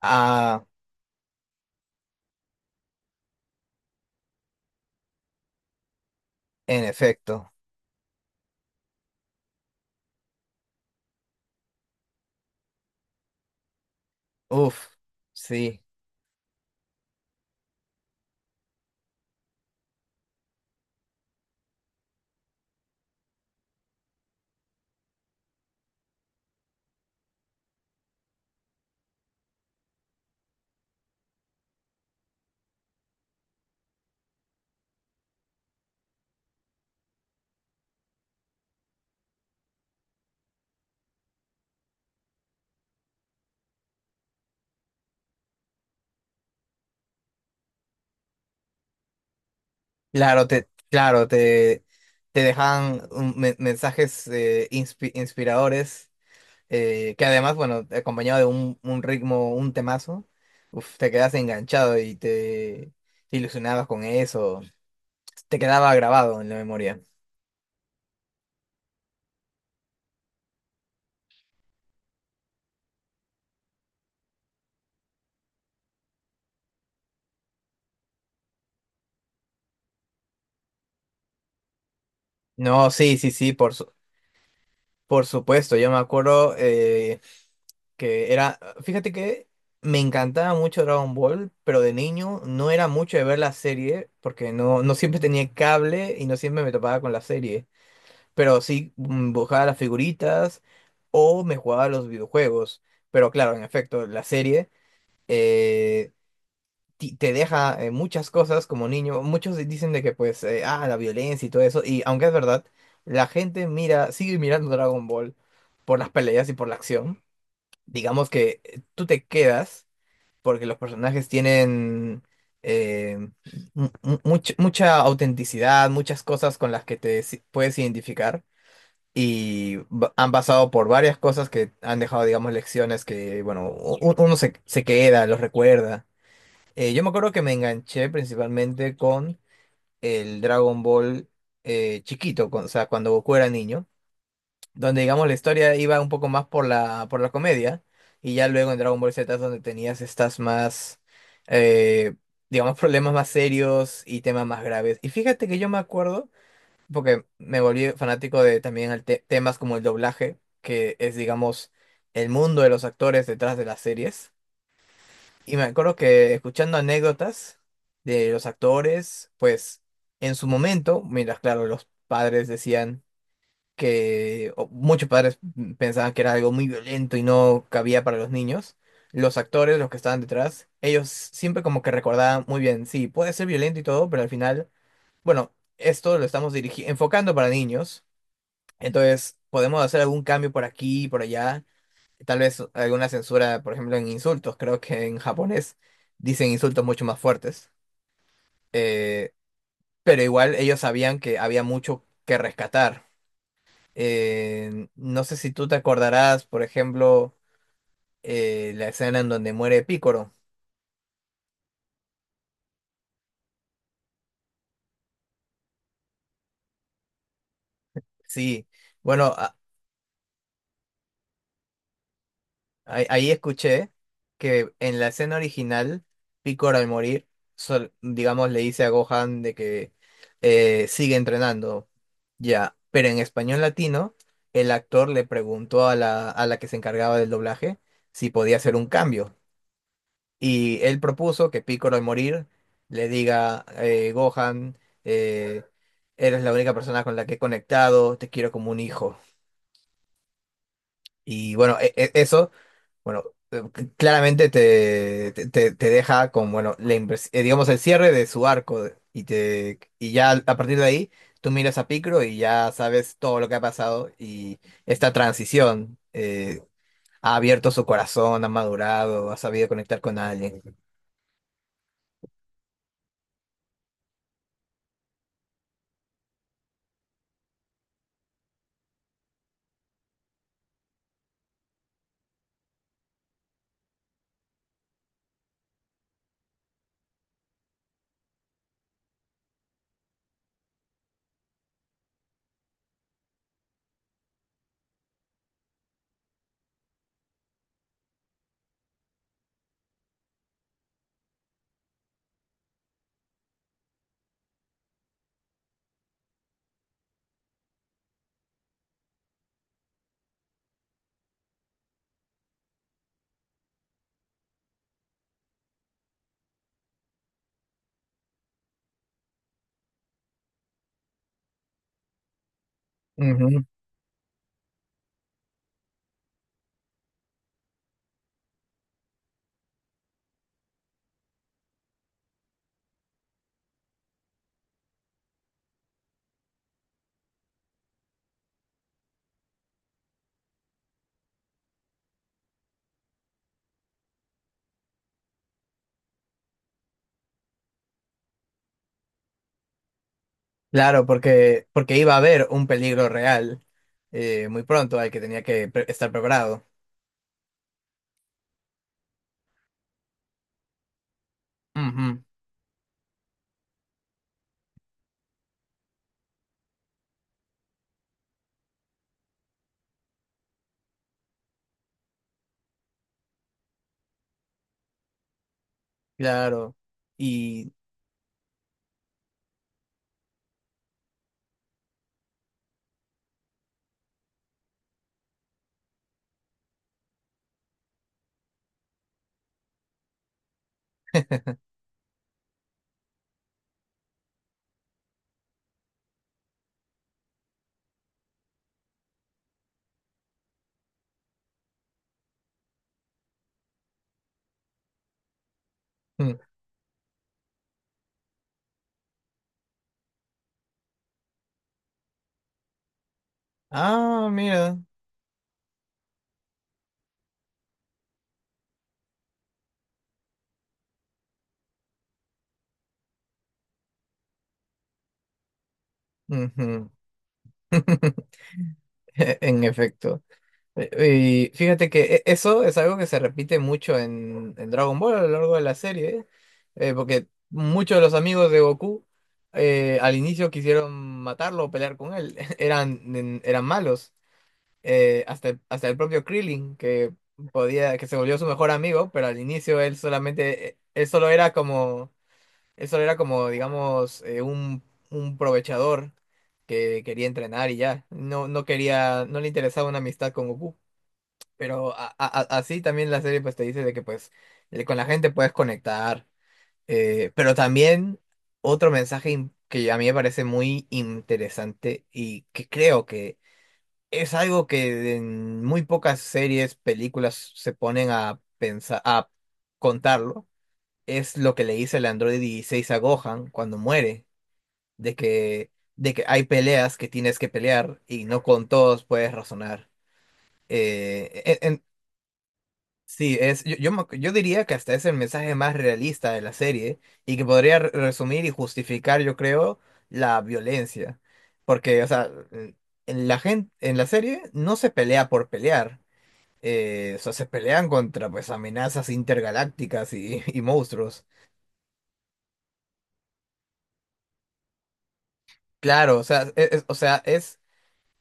Ah, en efecto. Uf, sí. Claro, claro, te dejan mensajes inspiradores, que además, bueno, acompañado de un ritmo, un temazo, uf, te quedas enganchado te ilusionabas con eso. Te quedaba grabado en la memoria. No, sí, sí, sí, por supuesto. Yo me acuerdo fíjate que me encantaba mucho Dragon Ball, pero de niño no era mucho de ver la serie, porque no siempre tenía cable y no siempre me topaba con la serie, pero sí buscaba las figuritas o me jugaba a los videojuegos, pero claro, en efecto, la serie... eh, te deja muchas cosas como niño. Muchos dicen de que pues, la violencia y todo eso. Y aunque es verdad, sigue mirando Dragon Ball por las peleas y por la acción digamos que tú te quedas porque los personajes tienen eh, mucha autenticidad, muchas cosas con las que te si- puedes identificar y han pasado por varias cosas que han dejado, digamos, lecciones que, bueno, uno se queda, los recuerda. Yo me acuerdo que me enganché principalmente con el Dragon Ball chiquito, o sea, cuando Goku era niño donde digamos la historia iba un poco más por por la comedia, y ya luego en Dragon Ball Z es donde tenías estas más, eh, digamos, problemas más serios y temas más graves. Y fíjate que yo me acuerdo, porque me volví fanático de también el temas como el doblaje, que es, digamos, el mundo de los actores detrás de las series. Y me acuerdo que escuchando anécdotas de los actores, pues en su momento, mira claro, los padres decían que muchos padres pensaban que era algo muy violento y no cabía para los niños, los actores, los que estaban detrás, ellos siempre como que recordaban muy bien, sí, puede ser violento y todo, pero al final, bueno, esto lo estamos enfocando para niños, entonces podemos hacer algún cambio por aquí y por allá, tal vez alguna censura, por ejemplo, en insultos, creo que en japonés dicen insultos mucho más fuertes, eh, pero igual ellos sabían que había mucho que rescatar. No sé si tú te acordarás, por ejemplo, la escena en donde muere Pícoro. Sí, bueno, ahí escuché que en la escena original, Pícoro al morir, digamos, le dice a Gohan de que sigue entrenando, ya. Pero en español latino, el actor le preguntó a a la que se encargaba del doblaje si podía hacer un cambio. Y él propuso que Piccolo al morir le diga, Gohan, eh, eres la única persona con la que he conectado, te quiero como un hijo. Y bueno, eso, bueno, claramente te deja con, bueno, digamos, el cierre de su arco. Y ya a partir de ahí, tú miras a Piccolo y ya sabes todo lo que ha pasado y esta transición. Ha abierto su corazón, ha madurado, ha sabido conectar con alguien. Claro, porque iba a haber un peligro real muy pronto al que tenía que estar preparado. Ujú, claro. Y... mm, ah, mira. Ujú. En efecto. Y fíjate que eso es algo que se repite mucho en Dragon Ball a lo largo de la serie, ¿eh? Porque muchos de los amigos de Goku al inicio quisieron matarlo o pelear con él. Eran, eran malos. Hasta, hasta el propio Krillin, que se volvió su mejor amigo, pero al inicio él solo era como, digamos, un provechador que quería entrenar y ya. No quería, no le interesaba una amistad con Goku. Pero así también la serie pues te dice de que pues con la gente puedes conectar. Pero también otro mensaje que a mí me parece muy interesante y que creo que es algo que en muy pocas series, películas se ponen a pensar, a contarlo. Es lo que le dice el androide 16 a Gohan cuando muere, de que hay peleas que tienes que pelear y no con todos puedes razonar. Eh, en- en- sí, es, yo, me- yo diría que hasta es el mensaje más realista de la serie y que podría resumir y justificar, yo creo, la violencia. Porque, o sea, en la serie no se pelea por pelear o sea, se pelean contra pues amenazas intergalácticas y y monstruos. Claro, o sea, o sea, es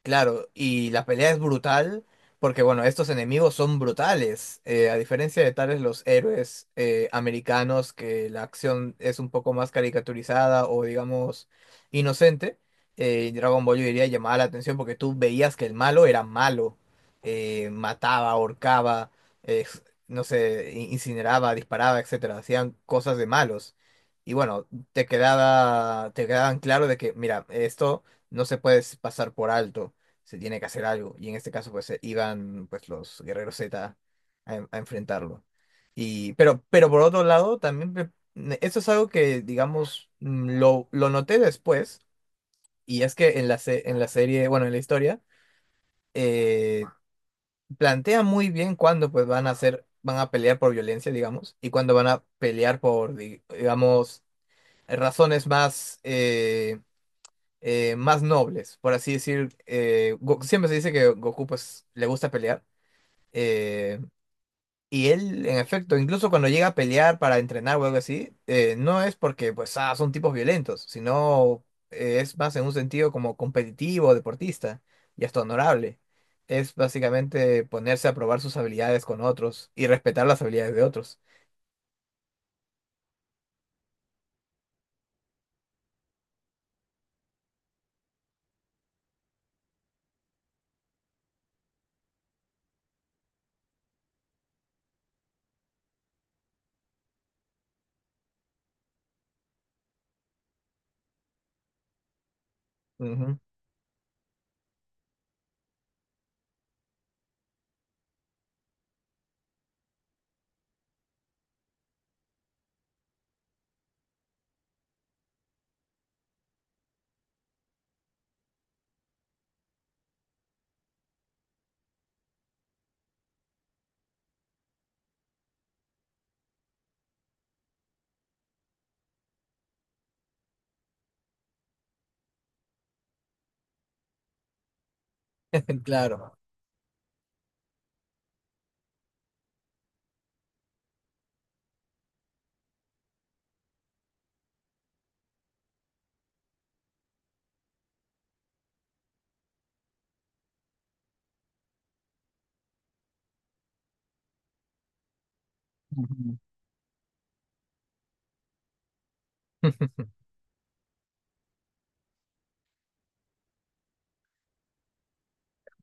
claro, y la pelea es brutal porque, bueno, estos enemigos son brutales, a diferencia de tales los héroes americanos que la acción es un poco más caricaturizada o, digamos, inocente, Dragon Ball yo diría llamaba la atención porque tú veías que el malo era malo, mataba, ahorcaba, no sé, incineraba, disparaba, etcétera, hacían cosas de malos. Y bueno, te quedaban claro de que, mira, esto no se puede pasar por alto se tiene que hacer algo. Y en este caso, pues iban pues los guerreros Z a enfrentarlo. Pero por otro lado, también esto es algo que, digamos, lo noté después, y es que en en la serie, bueno, en la historia, eh, plantea muy bien cuándo pues van a pelear por violencia, digamos, y cuándo van a pelear por, digamos, razones más más nobles, por así decir. Siempre se dice que Goku pues le gusta pelear. Eh, y él, en efecto, incluso cuando llega a pelear para entrenar o algo así, no es porque pues son tipos violentos, sino es más en un sentido como competitivo, deportista y hasta honorable. Es básicamente ponerse a probar sus habilidades con otros y respetar las habilidades de otros. Ujú. Claro. Ujú.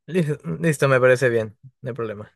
Listo, listo, me parece bien, no hay problema.